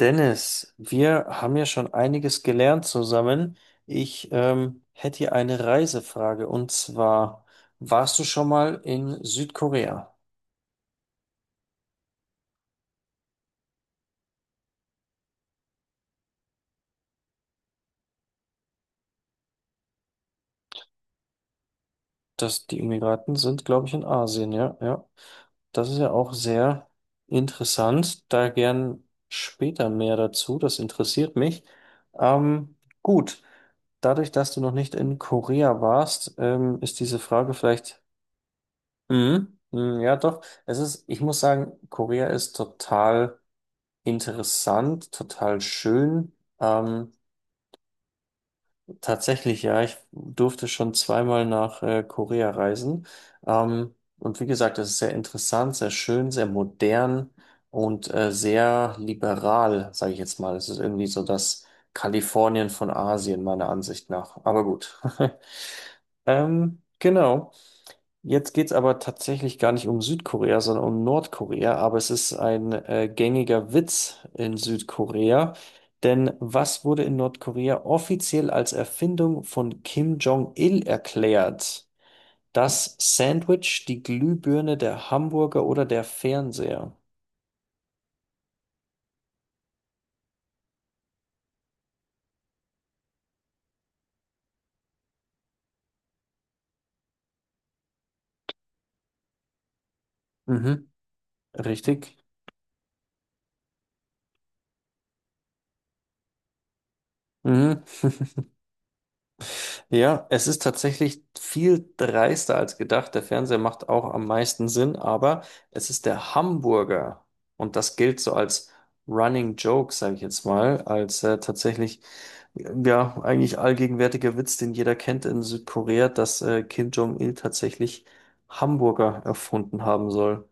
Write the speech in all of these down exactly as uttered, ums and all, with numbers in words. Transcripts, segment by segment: Dennis, wir haben ja schon einiges gelernt zusammen. Ich ähm, hätte hier eine Reisefrage und zwar, warst du schon mal in Südkorea? Das, die Emiraten sind, glaube ich, in Asien, ja, ja. Das ist ja auch sehr interessant. Da gern später mehr dazu. Das interessiert mich. Ähm, gut, dadurch, dass du noch nicht in Korea warst, ähm, ist diese Frage vielleicht Mhm. Mhm, ja, doch. Es ist, ich muss sagen, Korea ist total interessant, total schön. Ähm, Tatsächlich, ja, ich durfte schon zweimal nach äh, Korea reisen. Ähm, und wie gesagt, es ist sehr interessant, sehr schön, sehr modern und äh, sehr liberal, sage ich jetzt mal. Es ist irgendwie so das Kalifornien von Asien, meiner Ansicht nach. Aber gut. Ähm, genau. Jetzt geht's aber tatsächlich gar nicht um Südkorea, sondern um Nordkorea. Aber es ist ein äh, gängiger Witz in Südkorea. Denn was wurde in Nordkorea offiziell als Erfindung von Kim Jong-il erklärt? Das Sandwich, die Glühbirne, der Hamburger oder der Fernseher? Mhm, richtig. Mhm. Ja, es ist tatsächlich viel dreister als gedacht. Der Fernseher macht auch am meisten Sinn, aber es ist der Hamburger. Und das gilt so als Running Joke, sage ich jetzt mal, als äh, tatsächlich, ja, eigentlich allgegenwärtiger Witz, den jeder kennt in Südkorea, dass äh, Kim Jong-il tatsächlich Hamburger erfunden haben soll.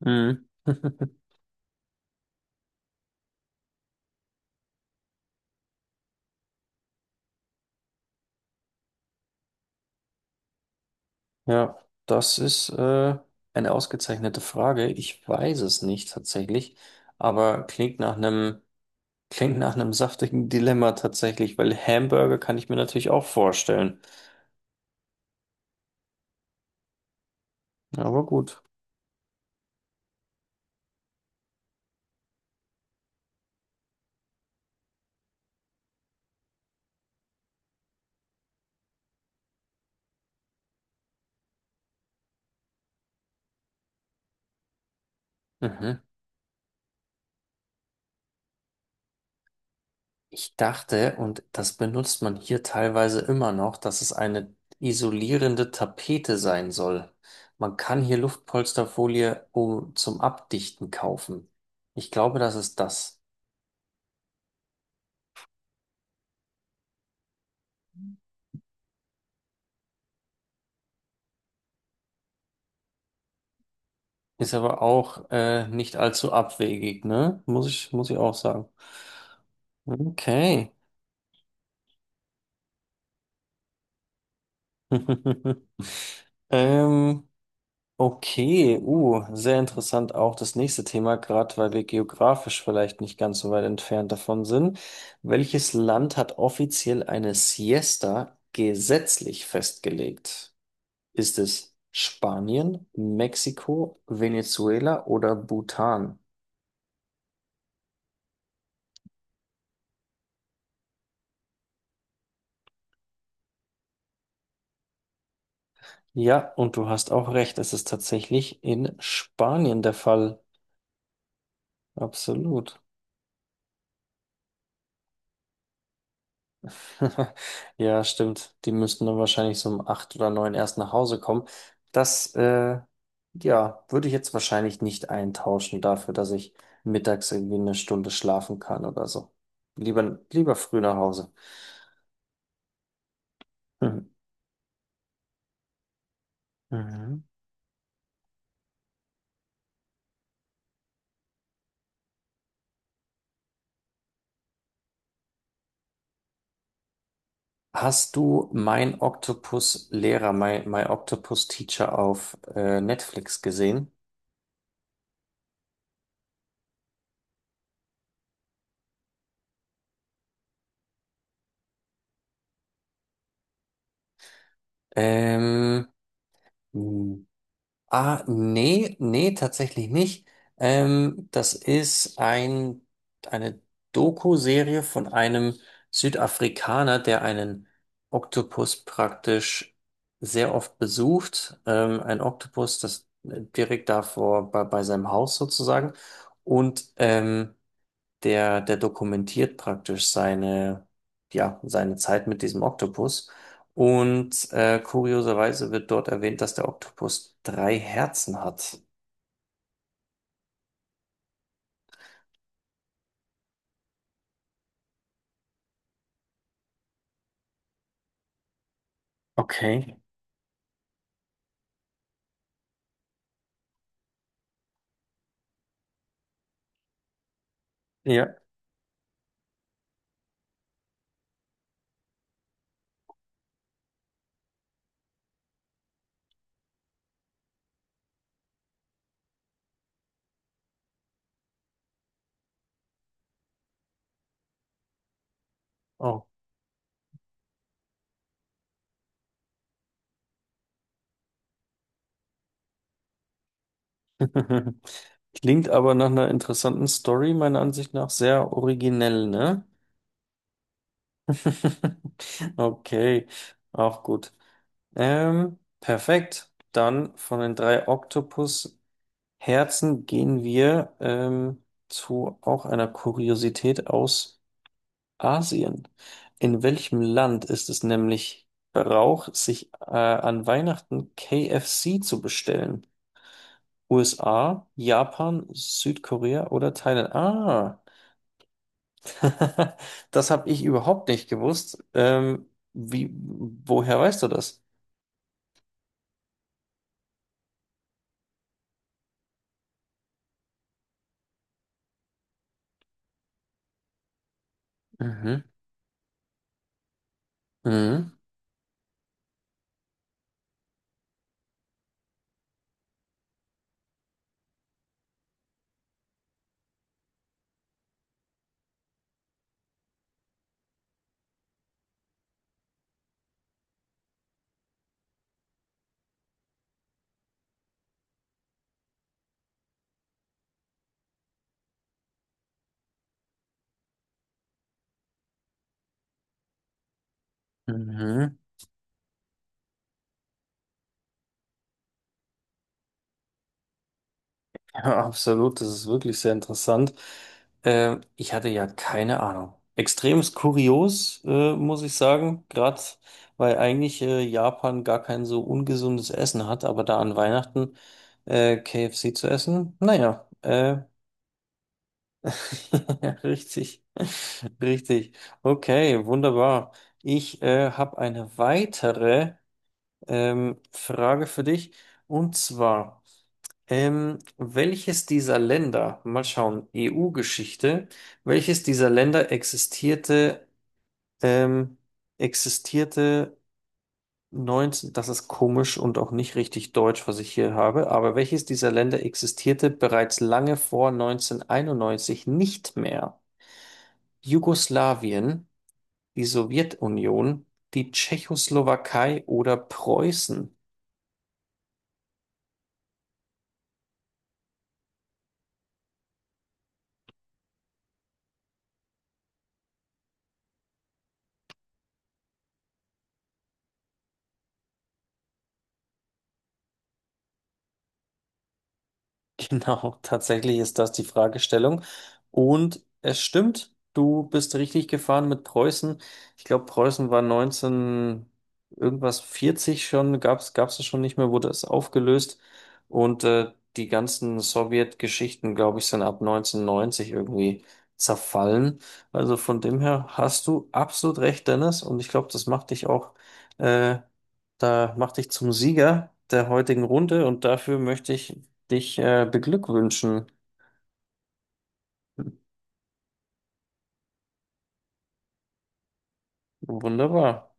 Mhm. Ja, das ist äh, eine ausgezeichnete Frage. Ich weiß es nicht tatsächlich, aber klingt nach einem. Klingt nach einem saftigen Dilemma tatsächlich, weil Hamburger kann ich mir natürlich auch vorstellen. Aber gut. Mhm. Ich dachte, und das benutzt man hier teilweise immer noch, dass es eine isolierende Tapete sein soll. Man kann hier Luftpolsterfolie um, zum Abdichten kaufen. Ich glaube, das ist das. Ist aber auch äh, nicht allzu abwegig, ne? Muss ich, muss ich auch sagen. Okay. Ähm, Okay, uh, sehr interessant auch das nächste Thema, gerade weil wir geografisch vielleicht nicht ganz so weit entfernt davon sind. Welches Land hat offiziell eine Siesta gesetzlich festgelegt? Ist es Spanien, Mexiko, Venezuela oder Bhutan? Ja, und du hast auch recht, es ist tatsächlich in Spanien der Fall. Absolut. Ja, stimmt. Die müssten dann wahrscheinlich so um acht oder neun erst nach Hause kommen. Das, äh, ja, würde ich jetzt wahrscheinlich nicht eintauschen dafür, dass ich mittags irgendwie eine Stunde schlafen kann oder so. Lieber, lieber früh nach Hause. Mhm. Mhm. Hast du mein Octopus-Lehrer, My, My Octopus Teacher auf äh, Netflix gesehen? Ähm, hm. Ah, nee, nee, tatsächlich nicht. Ähm, das ist ein, eine Doku-Serie von einem Südafrikaner, der einen Oktopus praktisch sehr oft besucht. Ähm, ein Oktopus, das äh, direkt davor bei, bei seinem Haus sozusagen. Und ähm, der, der dokumentiert praktisch seine, ja, seine Zeit mit diesem Oktopus. Und äh, kurioserweise wird dort erwähnt, dass der Oktopus drei Herzen hat. Okay. Ja. Oh. Klingt aber nach einer interessanten Story, meiner Ansicht nach sehr originell, ne? Okay, auch gut. Ähm, perfekt. Dann von den drei Oktopus Herzen gehen wir ähm, zu auch einer Kuriosität aus Asien. In welchem Land ist es nämlich Brauch, sich äh, an Weihnachten K F C zu bestellen? U S A, Japan, Südkorea oder Thailand? Ah, das habe ich überhaupt nicht gewusst. Ähm, wie, woher weißt du das? Mhm. Mhm. Mhm. Ja, absolut, das ist wirklich sehr interessant. Äh, ich hatte ja keine Ahnung. Extremst kurios, äh, muss ich sagen, gerade weil eigentlich äh, Japan gar kein so ungesundes Essen hat, aber da an Weihnachten äh, K F C zu essen, naja, äh, ja, richtig, richtig. Okay, wunderbar. Ich äh, habe eine weitere ähm, Frage für dich und zwar. Ähm, welches dieser Länder, mal schauen, E U-Geschichte, welches dieser Länder existierte, ähm, existierte neunzehn das ist komisch und auch nicht richtig deutsch, was ich hier habe, aber welches dieser Länder existierte bereits lange vor neunzehnhunderteinundneunzig nicht mehr? Jugoslawien, die Sowjetunion, die Tschechoslowakei oder Preußen? Genau, tatsächlich ist das die Fragestellung. Und es stimmt, du bist richtig gefahren mit Preußen. Ich glaube, Preußen war neunzehn irgendwas vierzig schon, gab's gab's es schon nicht mehr, wurde es aufgelöst. Und äh, die ganzen Sowjetgeschichten, glaube ich, sind ab neunzehnhundertneunzig irgendwie zerfallen. Also von dem her hast du absolut recht, Dennis. Und ich glaube, das macht dich auch äh, da macht dich zum Sieger der heutigen Runde und dafür möchte ich dich äh, beglückwünschen. Wunderbar.